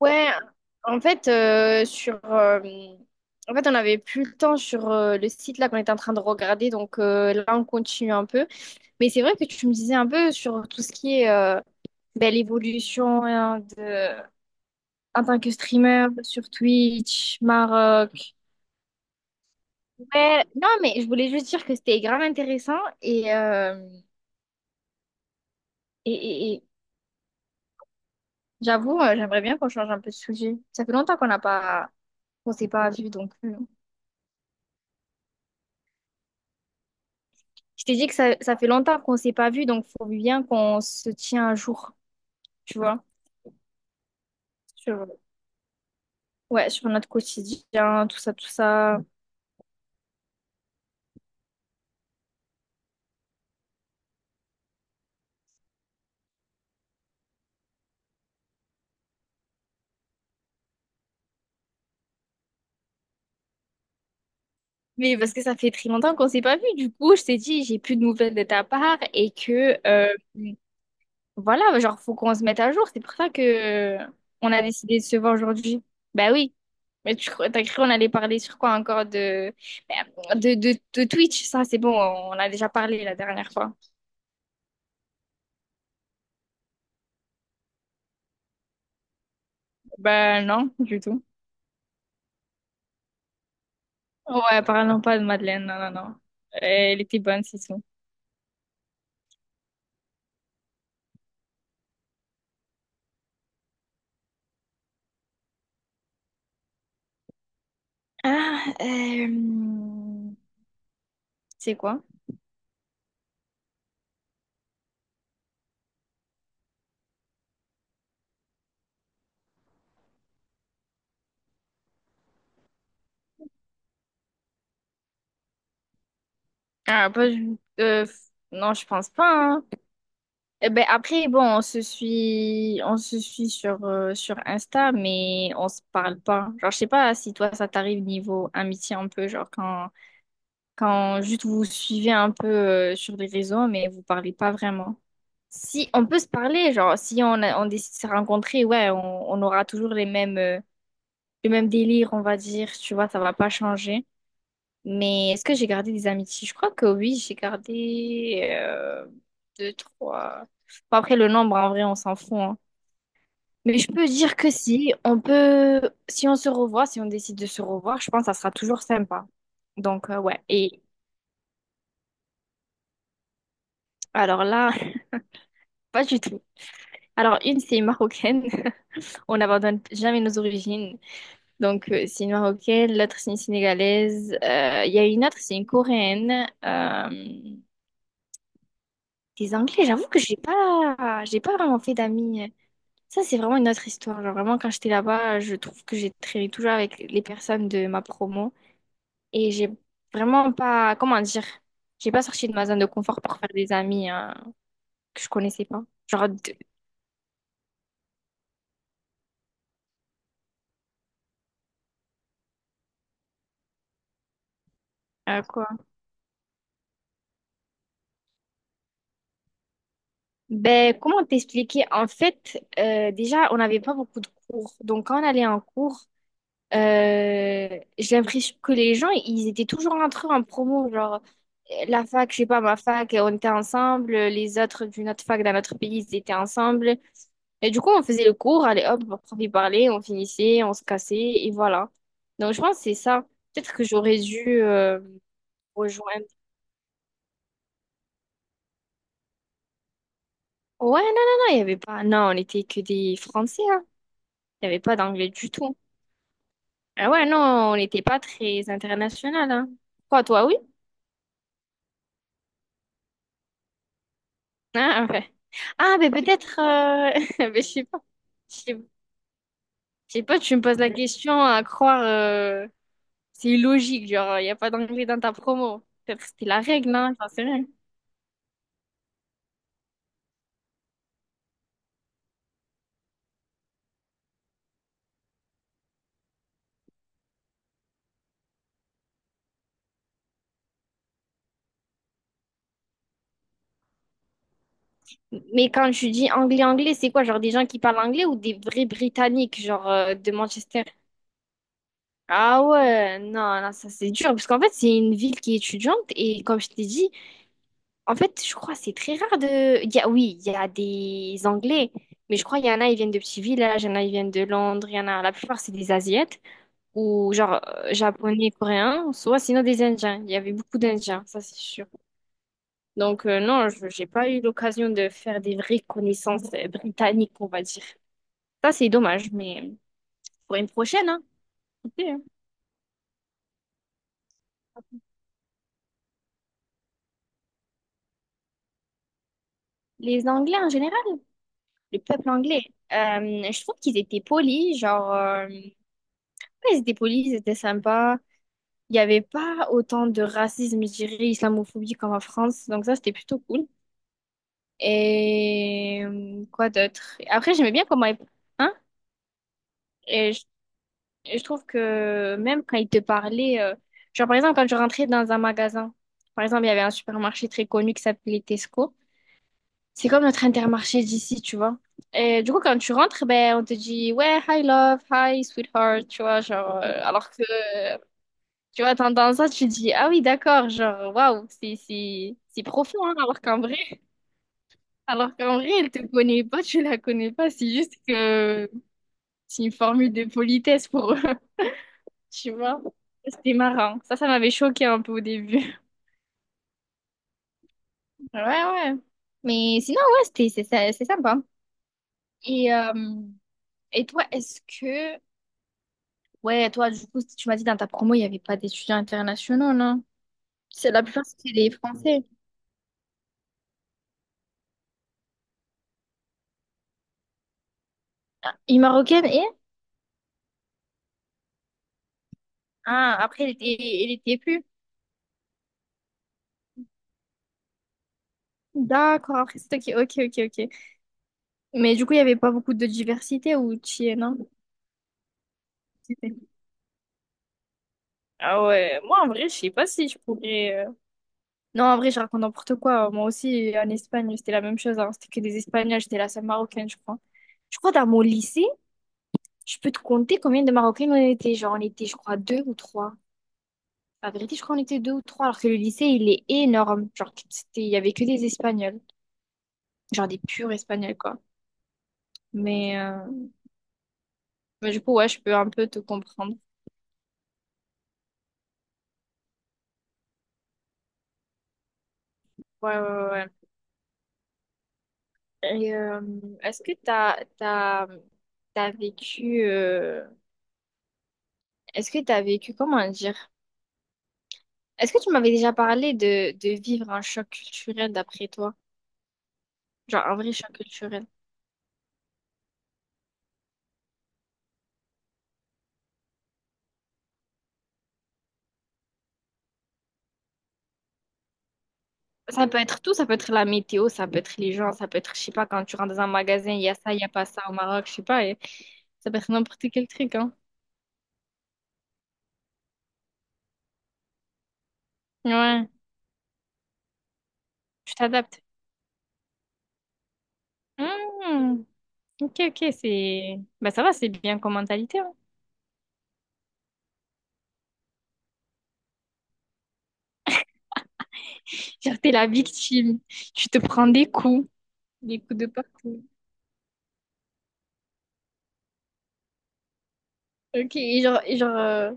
Ouais, en fait, sur, en fait, on n'avait plus le temps sur le site là qu'on était en train de regarder, donc là on continue un peu. Mais c'est vrai que tu me disais un peu sur tout ce qui est ben, l'évolution hein, de, en tant que streamer sur Twitch, Maroc. Ouais, non, mais je voulais juste dire que c'était grave intéressant et j'avoue, j'aimerais bien qu'on change un peu de sujet. Ça fait longtemps qu'on s'est pas vu donc. Je t'ai dit que ça fait longtemps qu'on s'est pas vu, donc faut bien qu'on se tient à jour, tu vois, sur, ouais, sur notre quotidien, tout ça, tout ça. Mais parce que ça fait très longtemps qu'on s'est pas vu, du coup, je t'ai dit, j'ai plus de nouvelles de ta part et que, voilà, genre, faut qu'on se mette à jour. C'est pour ça que euh, on a décidé de se voir aujourd'hui. Bah oui, mais t'as cru qu'on allait parler sur quoi encore de, ben, de Twitch, ça c'est bon, on en a déjà parlé la dernière fois. Ben non, du tout. Ouais, parlons pas de Madeleine, non, non, non. Elle était bonne, c'est tout. Ah, c'est quoi? Ah, bah, non, je pense pas, hein. Eh ben, après, bon, on se suit sur, sur Insta, mais on se parle pas. Genre, je sais pas si toi, ça t'arrive niveau amitié un peu, genre quand juste vous vous suivez un peu sur les réseaux, mais vous parlez pas vraiment. Si on peut se parler, genre, si on décide de se rencontrer, ouais, on aura toujours les mêmes, le même délire, on va dire, tu vois, ça va pas changer. Mais est-ce que j'ai gardé des amitiés? Je crois que oui, j'ai gardé deux, trois. Bon, après, le nombre, en vrai, on s'en fout, hein. Mais je peux dire que si, on peut, si on se revoit, si on décide de se revoir, je pense que ça sera toujours sympa. Donc, ouais. Et alors là, pas du tout. Alors, une, c'est une Marocaine. On n'abandonne jamais nos origines. Donc, c'est une Marocaine. L'autre, c'est une Sénégalaise. Il y a une autre, c'est une Coréenne. Des Anglais, j'avoue que j'ai pas vraiment fait d'amis. Ça, c'est vraiment une autre histoire. Genre, vraiment, quand j'étais là-bas, je trouve que j'ai traîné toujours avec les personnes de ma promo. Et j'ai vraiment pas, comment dire, j'ai pas sorti de ma zone de confort pour faire des amis hein, que je connaissais pas. Genre, quoi? Ben, comment t'expliquer? En fait, déjà, on n'avait pas beaucoup de cours. Donc, quand on allait en cours, j'ai l'impression que les gens, ils étaient toujours entre eux en promo. Genre, la fac, je sais pas, ma fac, on était ensemble. Les autres d'une autre fac dans notre pays, ils étaient ensemble. Et du coup, on faisait le cours, allez hop, on prof il parlait, on finissait, on se cassait, et voilà. Donc, je pense que c'est ça. Peut-être que j'aurais dû rejoindre. Ouais, non, non, non, il y avait pas. Non, on n'était que des Français, hein. Il n'y avait pas d'anglais du tout. Ah ouais, non, on n'était pas très international, hein. Quoi, toi, oui? Ah, ouais. Ah, mais peut-être, mais je sais pas. Je sais je sais pas, tu me poses la question à croire, c'est illogique, genre, il n'y a pas d'anglais dans ta promo. Peut-être que c'était la règle, hein, j'en sais rien. Mais quand tu dis anglais-anglais, c'est quoi? Genre des gens qui parlent anglais ou des vrais Britanniques, genre de Manchester? Ah ouais, non, non, ça c'est dur. Parce qu'en fait, c'est une ville qui est étudiante et comme je t'ai dit, en fait, je crois que c'est très rare de... il y a- oui, il y a des Anglais, mais je crois qu'il y en a, ils viennent de petits villages, il y en a, ils viennent de Londres, il y en a... La plupart, c'est des Asiates, ou genre Japonais, Coréens, soit sinon des Indiens. Il y avait beaucoup d'Indiens, ça c'est sûr. Donc non, je j'ai pas eu l'occasion de faire des vraies connaissances britanniques, on va dire. Ça, c'est dommage, mais pour une prochaine, hein. On sait, hein. Les Anglais en général, le peuple anglais, je trouve qu'ils étaient polis, genre... ouais, ils étaient polis, ils étaient sympas. Il n'y avait pas autant de racisme, je dirais, islamophobie comme en France. Donc ça, c'était plutôt cool. Et quoi d'autre? Après, j'aimais bien comment... Hein? Et je, et je trouve que même quand ils te parlaient genre, par exemple, quand je rentrais dans un magasin, par exemple, il y avait un supermarché très connu qui s'appelait Tesco. C'est comme notre Intermarché d'ici, tu vois. Et du coup, quand tu rentres, ben, on te dit, ouais, hi love, hi sweetheart, tu vois, genre, alors que tu vois, t'entends ça, tu dis, ah oui, d'accord, genre, waouh, c'est profond, hein, alors qu'en vrai, elle te connaît pas, tu la connais pas, c'est juste que c'est une formule de politesse pour eux, tu vois. C'était marrant. Ça m'avait choqué un peu au début. Ouais, ouais. Mais sinon, ouais, c'est sympa. Et, euh, et toi, est-ce que, ouais, toi, du coup, tu m'as dit dans ta promo, il n'y avait pas d'étudiants internationaux, non? C'est la plupart, c'était des Français. Une Marocaine et? Ah, après, elle était plus. D'accord, c'est ok, ok, ok, ok. Mais du coup, il n'y avait pas beaucoup de diversité ou tu y es, non? C'était- Ah ouais, moi en vrai, je sais pas si je pourrais, non, en vrai, je raconte n'importe quoi. Moi aussi, en Espagne, c'était la même chose, hein. C'était que des Espagnols, j'étais la seule Marocaine, je crois. Je crois, dans mon lycée, je peux te compter combien de Marocaines on était. Genre, on était, je crois, deux ou trois. La vérité, je crois, on était deux ou trois, alors que le lycée, il est énorme. Genre, c'était, il y avait que des Espagnols. Genre, des purs Espagnols, quoi. Mais, euh, mais du coup, ouais, je peux un peu te comprendre. Ouais, ouais, ouais. Et est-ce que t'as t'as t'as vécu euh, est-ce que t'as vécu comment dire? Est-ce que tu m'avais déjà parlé de vivre un choc culturel d'après toi? Genre un vrai choc culturel. Ça peut être tout, ça peut être la météo, ça peut être les gens, ça peut être je sais pas quand tu rentres dans un magasin, il y a ça, il y a pas ça au Maroc, je sais pas, et ça peut être n'importe quel truc hein. Ouais, tu t'adaptes. Hmm, ok, ok, c'est... Bah ça va, c'est bien comme mentalité, hein. Genre, t'es la victime, tu te prends des coups. Des coups de partout. Ok, et genre,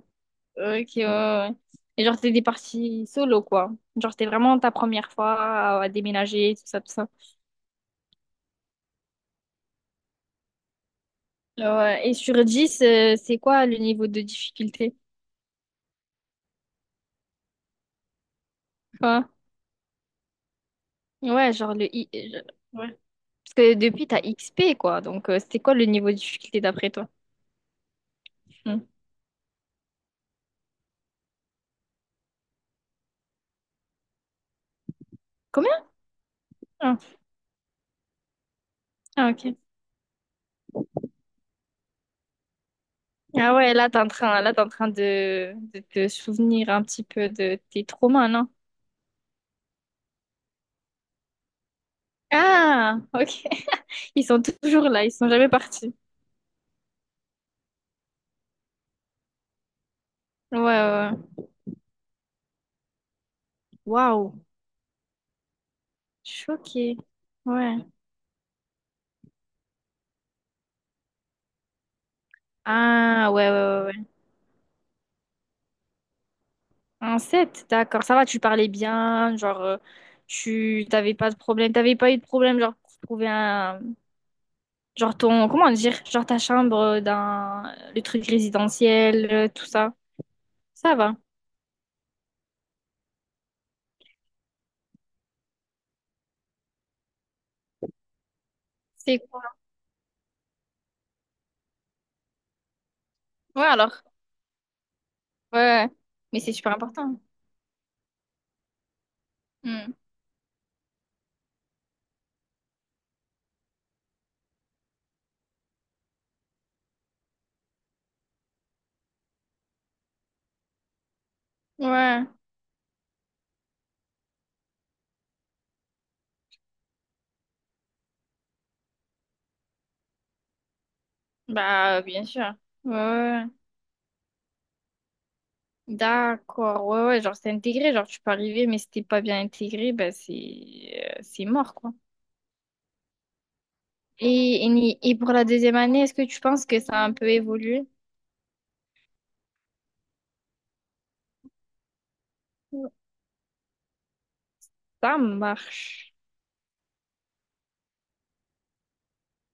ok, ouais, ouais. Et genre, t'es des parties solo, quoi. Genre, c'était vraiment ta première fois à déménager, tout ça, tout ça. Ouais, et sur 10, c'est quoi le niveau de difficulté? Ouais, ouais, genre le I, ouais. Parce que depuis, t'as XP, quoi. Donc, c'était quoi le niveau de difficulté d'après toi? Hmm. Combien? Ah, ah, ok. Ah ouais, là, t'es en train, là, t'es en train de te souvenir un petit peu de tes traumas, non? Ah, ok. Ils sont toujours là, ils sont jamais partis. Ouais, ouais, ouais. Waouh, choquée. Ouais. Ah, ouais, ouais, ouais, ouais. Un sept, d'accord. Ça va, tu parlais bien, genre, tu t'avais pas de problème, t'avais pas eu de problème, genre, pour trouver un. Genre, ton. Comment dire? Genre, ta chambre dans le truc résidentiel, tout ça. Ça va. C'est quoi? Ouais, alors. Ouais. Mais c'est super important. Hmm. Ouais. Bah, bien sûr. Ouais, ouais, ouais. D'accord, ouais, ouais, genre c'est intégré, genre tu peux arriver, mais si t'es pas bien intégré, ben c'est mort, quoi. Et, et pour la deuxième année, est-ce que tu penses que ça a un peu évolué? Ça marche.